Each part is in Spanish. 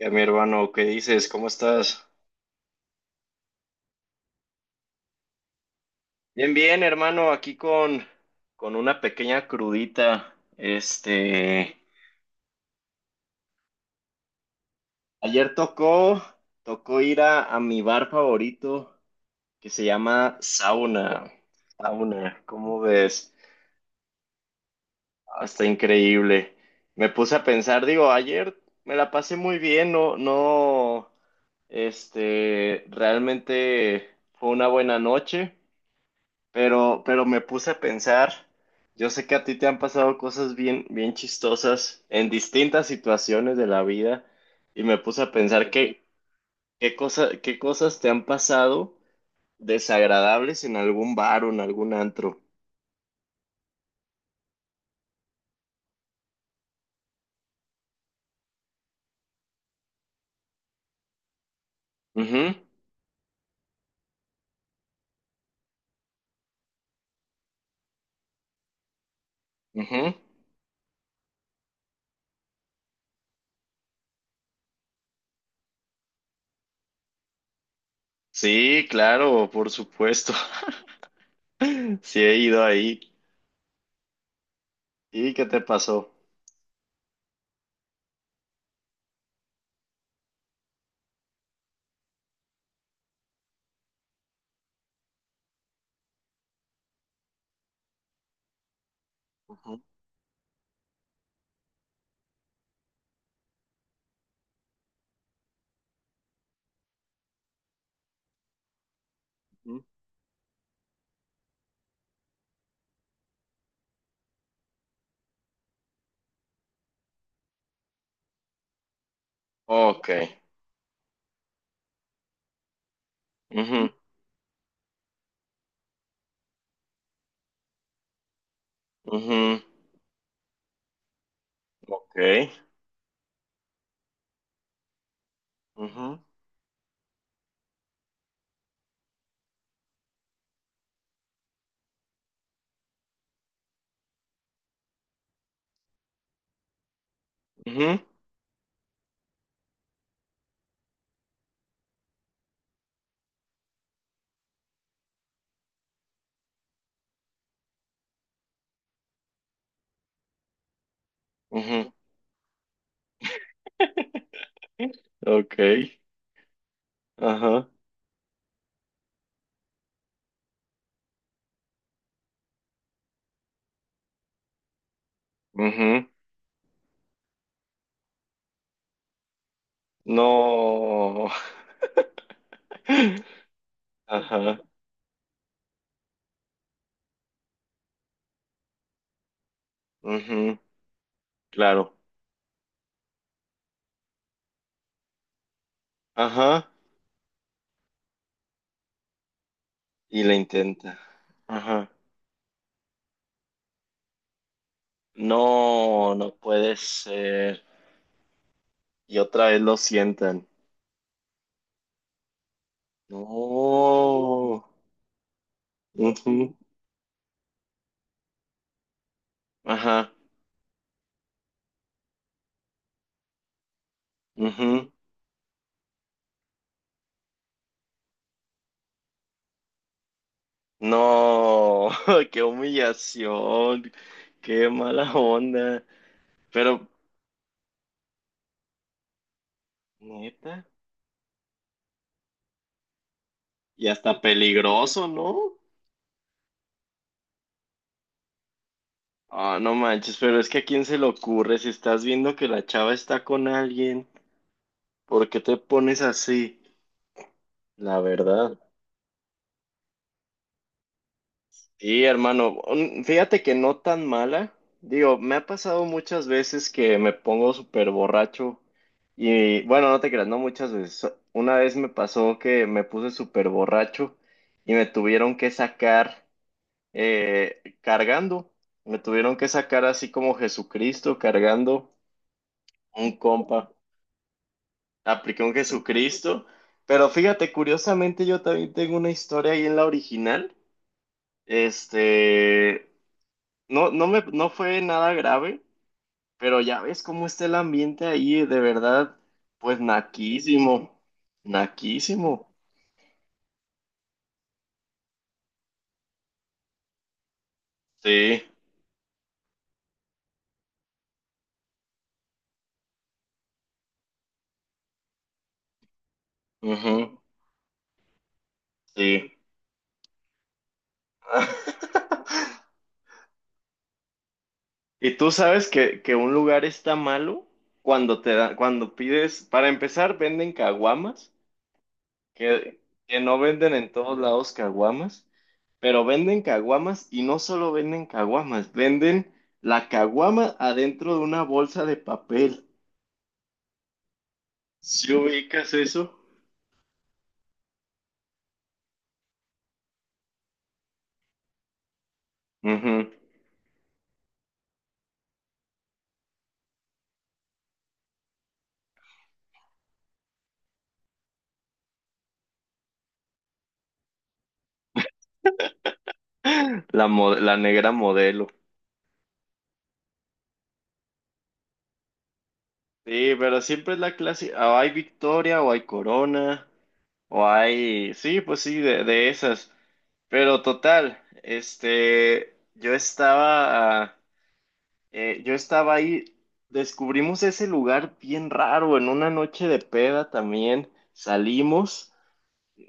Ya, mi hermano, ¿qué dices? ¿Cómo estás? Bien, bien, hermano, aquí con una pequeña crudita. Este, ayer tocó ir a mi bar favorito que se llama Sauna. Sauna, ¿cómo ves? Ah, está increíble. Me puse a pensar, digo, ayer me la pasé muy bien, no, no, este, realmente fue una buena noche. Pero me puse a pensar, yo sé que a ti te han pasado cosas bien, bien chistosas en distintas situaciones de la vida y me puse a pensar qué cosas te han pasado desagradables en algún bar o en algún antro. Ujú, ujú. Sí, claro, por supuesto. Sí he ido ahí. ¿Y qué te pasó? Ujú, ujú. Ok. Ujú, ujú. Ok. Ujú, ujú, ujú. Ok. Ajá. Ujú. No. Ajá. Ujú. Claro. Ajá. Y la intenta. Ajá. No, no puede ser. Y otra vez lo sientan. No. Ujú. Ajá. Ujú. No. Qué humillación. Qué mala onda. Pero, neta. Y hasta peligroso, ¿no? Ah, no manches, pero es que a quién se le ocurre si estás viendo que la chava está con alguien, ¿por qué te pones así? La verdad. Sí, hermano, fíjate que no tan mala. Digo, me ha pasado muchas veces que me pongo súper borracho y bueno, no te creas, no muchas veces. Una vez me pasó que me puse súper borracho y me tuvieron que sacar cargando. Me tuvieron que sacar así como Jesucristo cargando un compa. Apliqué un Jesucristo. Pero fíjate, curiosamente yo también tengo una historia ahí en la original. Este, no fue nada grave, pero ya ves cómo está el ambiente ahí, de verdad, pues naquísimo, naquísimo. Sí, ujú, sí. Y tú sabes que un lugar está malo cuando te da, cuando pides, para empezar, venden caguamas. que, que no venden en todos lados caguamas, pero venden caguamas y no solo venden caguamas, venden la caguama adentro de una bolsa de papel. ¿Si ubicas eso? Ujú. La negra modelo. Sí, pero siempre es la clase, o hay Victoria, o hay Corona, o hay, sí, pues sí, de esas. Pero total, este, yo estaba ahí, descubrimos ese lugar bien raro en una noche de peda también. Salimos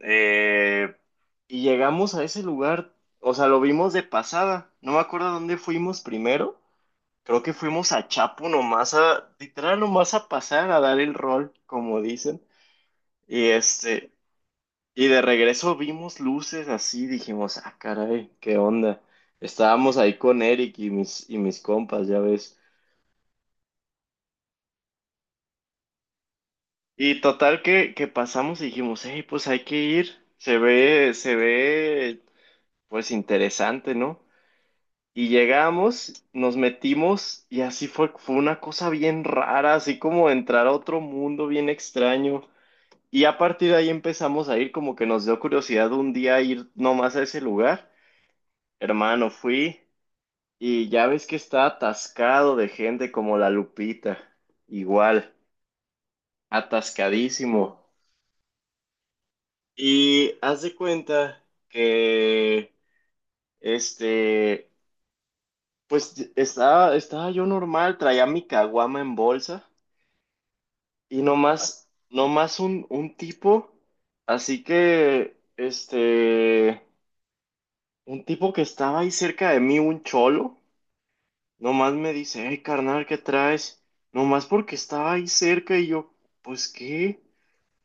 eh, y llegamos a ese lugar, o sea, lo vimos de pasada. No me acuerdo dónde fuimos primero. Creo que fuimos a Chapo nomás a, literal nomás a pasar a dar el rol, como dicen. Y este, y de regreso vimos luces así, dijimos, ah, caray, qué onda. Estábamos ahí con Eric y mis compas, ya ves. Y total que pasamos y dijimos, hey, pues hay que ir, se ve, pues interesante, ¿no? Y llegamos, nos metimos y así fue, fue una cosa bien rara, así como entrar a otro mundo bien extraño. Y a partir de ahí empezamos a ir, como que nos dio curiosidad un día ir nomás a ese lugar. Hermano, fui y ya ves que está atascado de gente como la Lupita, igual, atascadísimo. Y haz de cuenta que, este, pues estaba yo normal, traía mi caguama en bolsa y nomás así que, este, un tipo que estaba ahí cerca de mí, un cholo, nomás me dice, hey, carnal, ¿qué traes? Nomás porque estaba ahí cerca y yo, pues, ¿qué?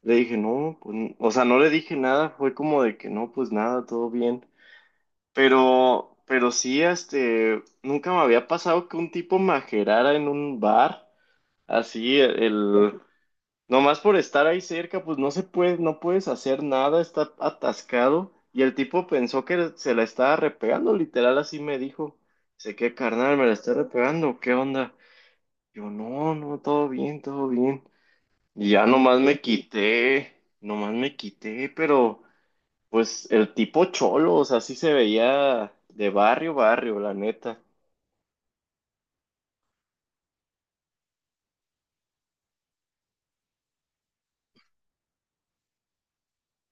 Le dije, no, pues, o sea, no le dije nada, fue como de que no, pues nada, todo bien. Pero sí, este, nunca me había pasado que un tipo majerara en un bar, así, el, nomás por estar ahí cerca, pues no se puede, no puedes hacer nada, está atascado, y el tipo pensó que se la estaba repegando, literal, así me dijo, sé que carnal, me la está repegando, ¿qué onda? Yo, no, no, todo bien, y ya nomás me quité, nomás me quité. Pero... Pues el tipo cholo, o sea, sí se veía de barrio, barrio, la neta.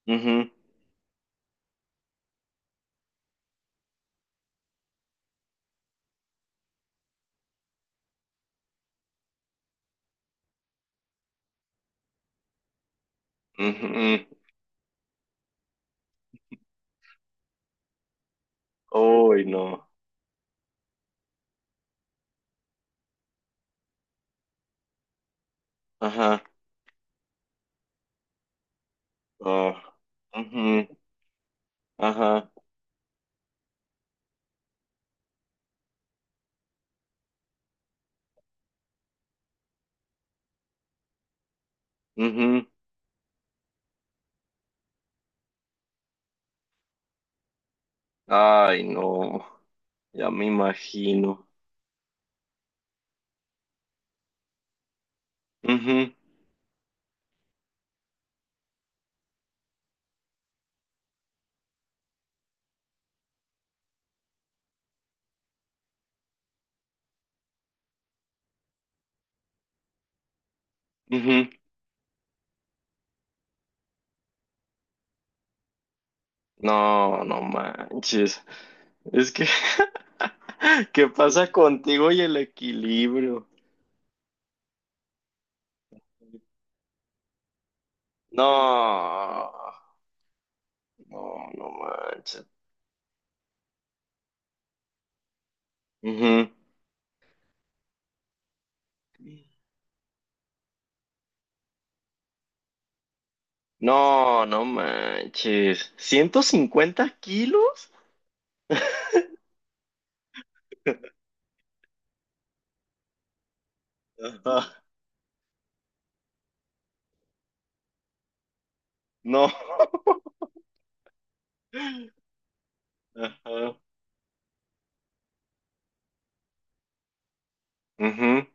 Ujú, ujú, ujú. Uy, no. Ajá. Oh. Ujú, Ajá. Ujú. Ay, no. Ya me imagino. Ujú, ujú. No, no manches. Es que, ¿qué pasa contigo y el equilibrio? No, no, no manches. Ujú. No, no manches. ¿150 kilos? Ajá. No. Ajá. Ujú.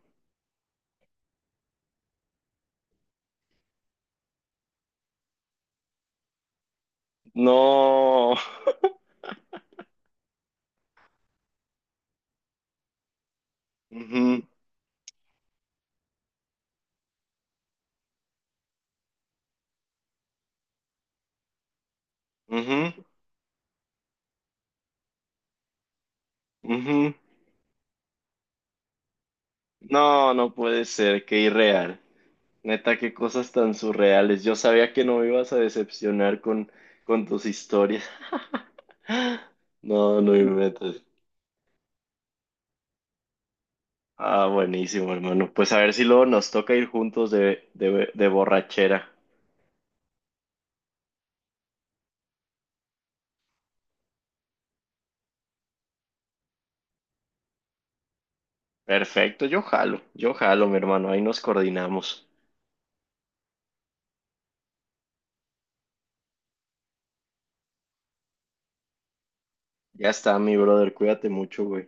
No. Ujú, ujú, ujú. No, no puede ser, qué irreal. Neta, qué cosas tan surreales. Yo sabía que no me ibas a decepcionar con tus historias. No, no me metas. Ah, buenísimo, hermano. Pues a ver si luego nos toca ir juntos de, de borrachera. Perfecto, yo jalo, mi hermano, ahí nos coordinamos. Ya está, mi brother, cuídate mucho, güey.